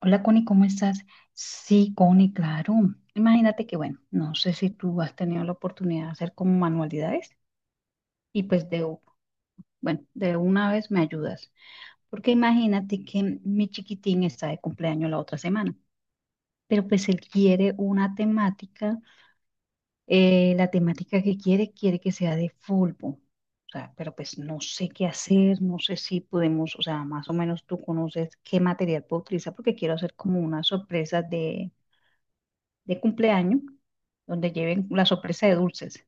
Hola, Connie, ¿cómo estás? Sí, Connie, claro. Imagínate que, bueno, no sé si tú has tenido la oportunidad de hacer como manualidades. Pues de, u- bueno, de una vez me ayudas. Porque imagínate que mi chiquitín está de cumpleaños la otra semana, pero pues él quiere una temática. La temática que quiere, quiere que sea de fútbol. O sea, pero pues no sé qué hacer, no sé si podemos, o sea, más o menos tú conoces qué material puedo utilizar porque quiero hacer como una sorpresa de cumpleaños, donde lleven la sorpresa de dulces,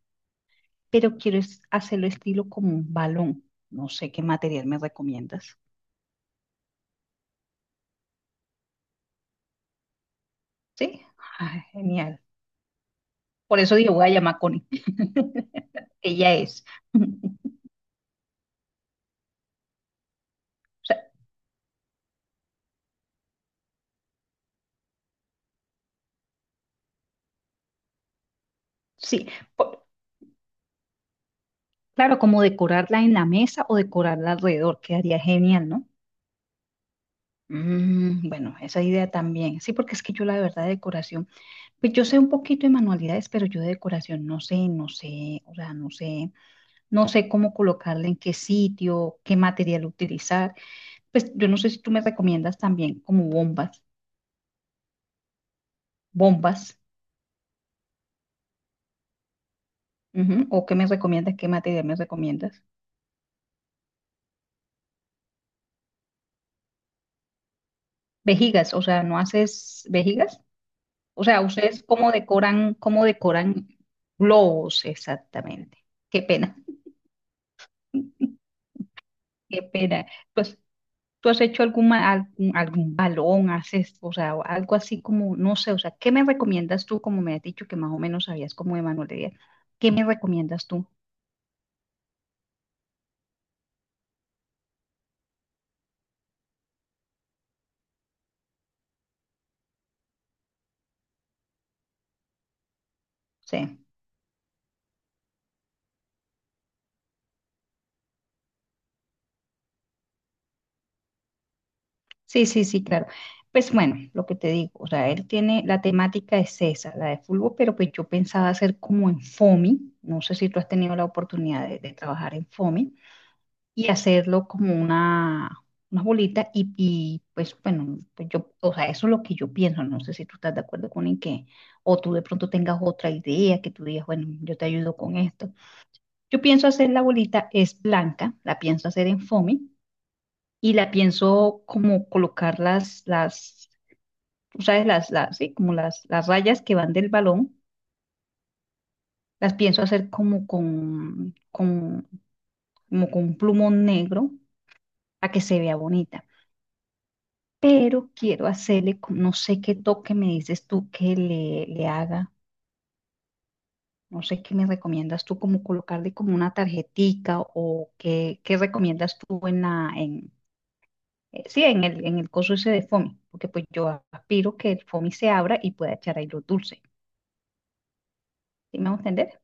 pero quiero hacerlo estilo como un balón. No sé qué material me recomiendas. Sí. Ay, genial. Por eso digo, voy a llamar a Connie. Ella es. Sí, claro, como decorarla en la mesa o decorarla alrededor, quedaría genial, ¿no? Mm, bueno, esa idea también. Sí, porque es que yo la verdad de decoración, pues yo sé un poquito de manualidades, pero yo de decoración no sé, no sé, o sea, no sé. No sé cómo colocarla, en qué sitio, qué material utilizar. Pues yo no sé si tú me recomiendas también como bombas, bombas, ujú, o qué me recomiendas, qué material me recomiendas. Vejigas, o sea, ¿no haces vejigas? O sea, ¿ustedes cómo decoran globos? Esa, qué pena, qué pena. Pues, ¿tú has hecho algún, algún, algún balón, haces, o sea, o algo así como, no sé, o sea, ¿qué me recomiendas tú? Como me has dicho que más o menos sabías como de manualidad, ¿qué me recomiendas tú? Sí, sí, sí, sí, claro. Pues bueno, lo que te digo, o sea, él tiene, la temática es esa, la de fútbol, pero pues yo pensaba hacer como en FOMI, no sé si tú has tenido la oportunidad de trabajar en FOMI, y hacerlo como una bolita pues bueno, pues yo, o sea, eso es lo que yo pienso, no sé si tú estás de acuerdo con en que, o tú de pronto tengas otra idea que tú digas, bueno, yo te ayudo con esto. Yo pienso hacer la bolita, es blanca, la pienso hacer en FOMI y la pienso como colocar tú sabes, sí, como las rayas que van del balón, las pienso hacer como como con un plumón negro para que se vea bonita. Pero quiero hacerle, no sé qué toque me dices tú que le haga, no sé qué me recomiendas tú, como colocarle como una tarjetica o qué, qué recomiendas tú en sí, en en el coso ese de FOMI, porque pues yo aspiro que el FOMI se abra y pueda echar ahí los dulces. ¿Sí me va a entender?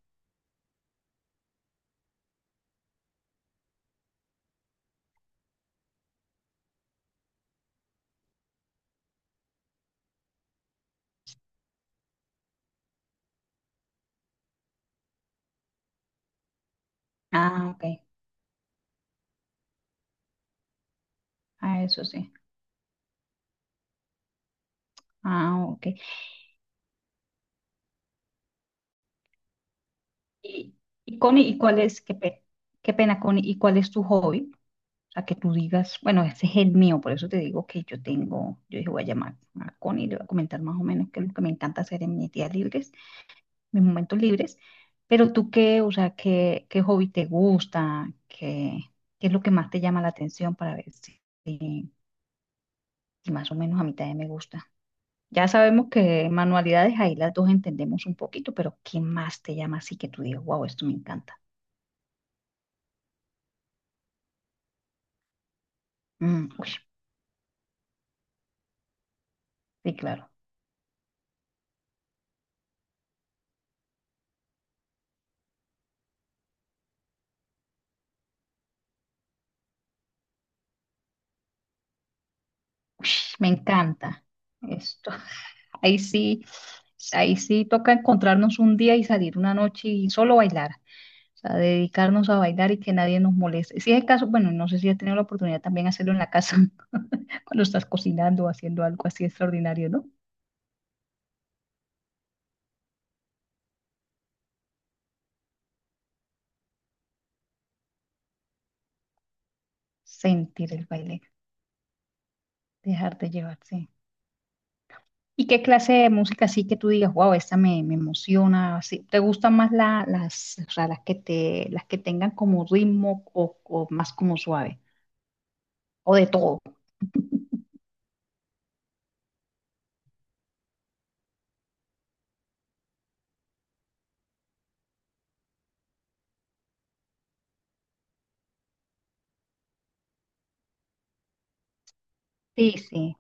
Ah, ok. Ah, eso es. Ah, ok. Y Connie, ¿y cuál es, qué pena, Connie, ¿y cuál es tu hobby? O sea, que tú digas, bueno, ese es el mío, por eso te digo que yo tengo, yo dije, voy a llamar a Connie, le voy a comentar más o menos qué es lo que me encanta hacer en mis días libres, mis momentos libres. Pero tú qué, o sea, qué, qué hobby te gusta, qué, qué es lo que más te llama la atención para ver si, más o menos a mitad de me gusta. Ya sabemos que manualidades ahí las dos entendemos un poquito, pero ¿qué más te llama así que tú digas, wow, esto me encanta? Mm, sí, claro. Ush, me encanta. Esto, ahí sí, ahí sí toca encontrarnos un día y salir una noche y solo bailar. O sea, dedicarnos a bailar y que nadie nos moleste. Si es el caso, bueno, no sé si has tenido la oportunidad también de hacerlo en la casa, cuando estás cocinando o haciendo algo así extraordinario, ¿no? Sentir, dejarte llevar, sí. ¿Y qué clase de música sí que tú digas, wow, esta me, me emociona? ¿Así? ¿Te gustan más las, o sea, las que te, las que tengan como ritmo o más como suave? ¿O de todo? Sí, sí.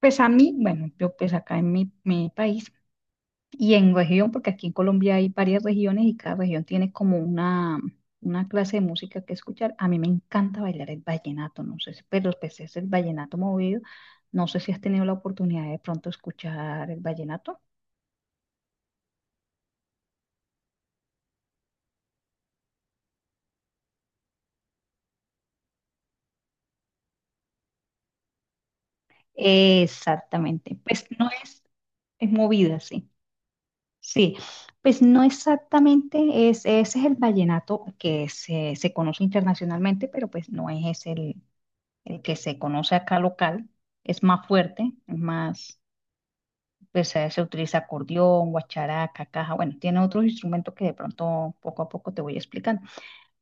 Pues a mí, bueno, yo pues acá en mi país y en región, porque aquí en Colombia hay varias regiones y cada región tiene como una clase de música que escuchar. A mí me encanta bailar el vallenato, no sé si, pero pues es el vallenato movido. No sé si has tenido la oportunidad de pronto escuchar el vallenato. Exactamente. Es movidas, sí. Pues no exactamente, es, ese es el vallenato que se conoce internacionalmente, pero pues no es ese el que se conoce acá local. Es más fuerte, es más, pues se utiliza acordeón, guacharaca, caja, bueno, tiene otros instrumentos que de pronto poco a poco te voy explicando.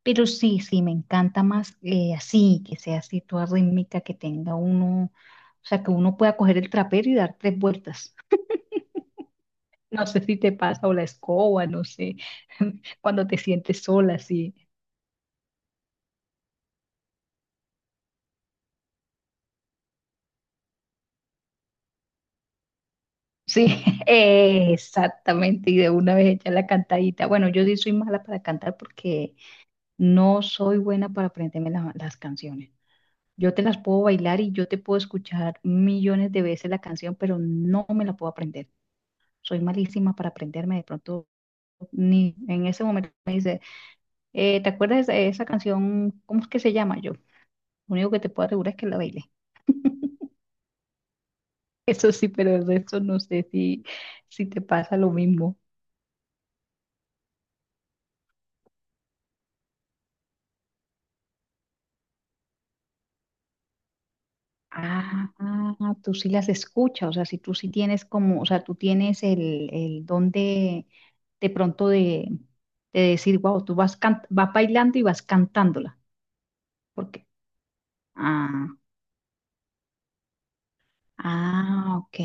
Pero sí, sí, me encanta más así, que sea así toda rítmica, que tenga uno, o sea, que uno pueda coger el trapero y dar tres vueltas. No sé si te pasa o la escoba, no sé, cuando te sientes sola, sí. Sí, exactamente, y de una vez echar la cantadita. Bueno, yo sí soy mala para cantar porque no soy buena para aprenderme las canciones. Yo te las puedo bailar y yo te puedo escuchar millones de veces la canción, pero no me la puedo aprender. Soy malísima para aprenderme de pronto, ni en ese momento. ¿Te acuerdas de esa, esa canción? ¿Cómo es que se llama yo? Lo único que te puedo asegurar es que la baile. Eso sí, pero el resto no sé si, si te pasa lo mismo. Ah, ah, tú sí las escuchas, o sea, si tú sí tienes como, o sea, tú tienes el don de pronto de decir, wow, tú vas, vas bailando y vas cantándola. Ah, ah, ok.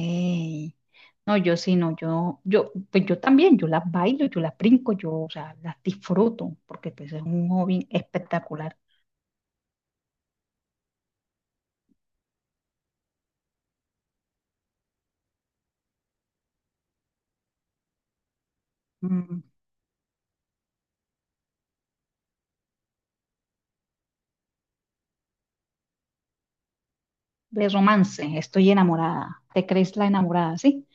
No, yo sí, no, yo, pues yo también, yo las bailo, yo las brinco, yo, o sea, las disfruto, porque pues es un hobby mm, de romance, estoy enamorada, te crees la enamorada, ¿sí?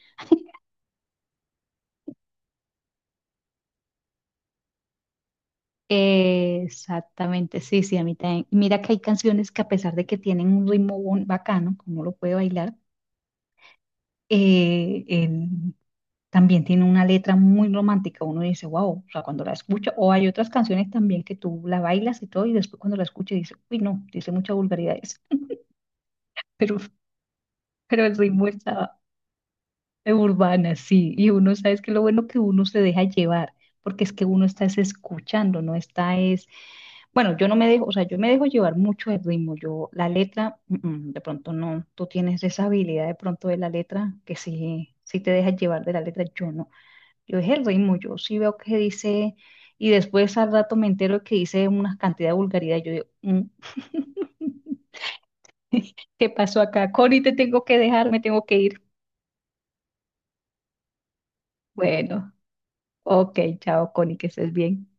Exactamente, sí, sí, a mí también. Mira que hay canciones que a pesar de que tienen un ritmo bacano, como lo puede bailar, eh, el- también tiene una letra muy romántica. Uno dice, wow, o sea, cuando la escucha, o hay otras canciones también que tú la bailas y todo, y después cuando la escuchas dice, uy, no, dice muchas vulgaridades, pero, pero el ritmo está urbana, sí, y uno sabe que lo bueno que uno se deja llevar, porque es que uno está es escuchando, no está es, bueno, yo no me dejo, o sea, yo me dejo llevar mucho el ritmo, yo la letra, mm, mm, de pronto no, tú tienes esa habilidad de pronto de la letra, que sí, sí te dejas llevar de la letra, yo no, yo es el ritmo, yo sí veo que dice, y después al rato me entero que dice una cantidad de vulgaridad, yo digo, "Mm, ¿qué pasó acá? Connie, te tengo que dejar, me tengo que ir. Bueno, ok, chao, Connie, que estés bien.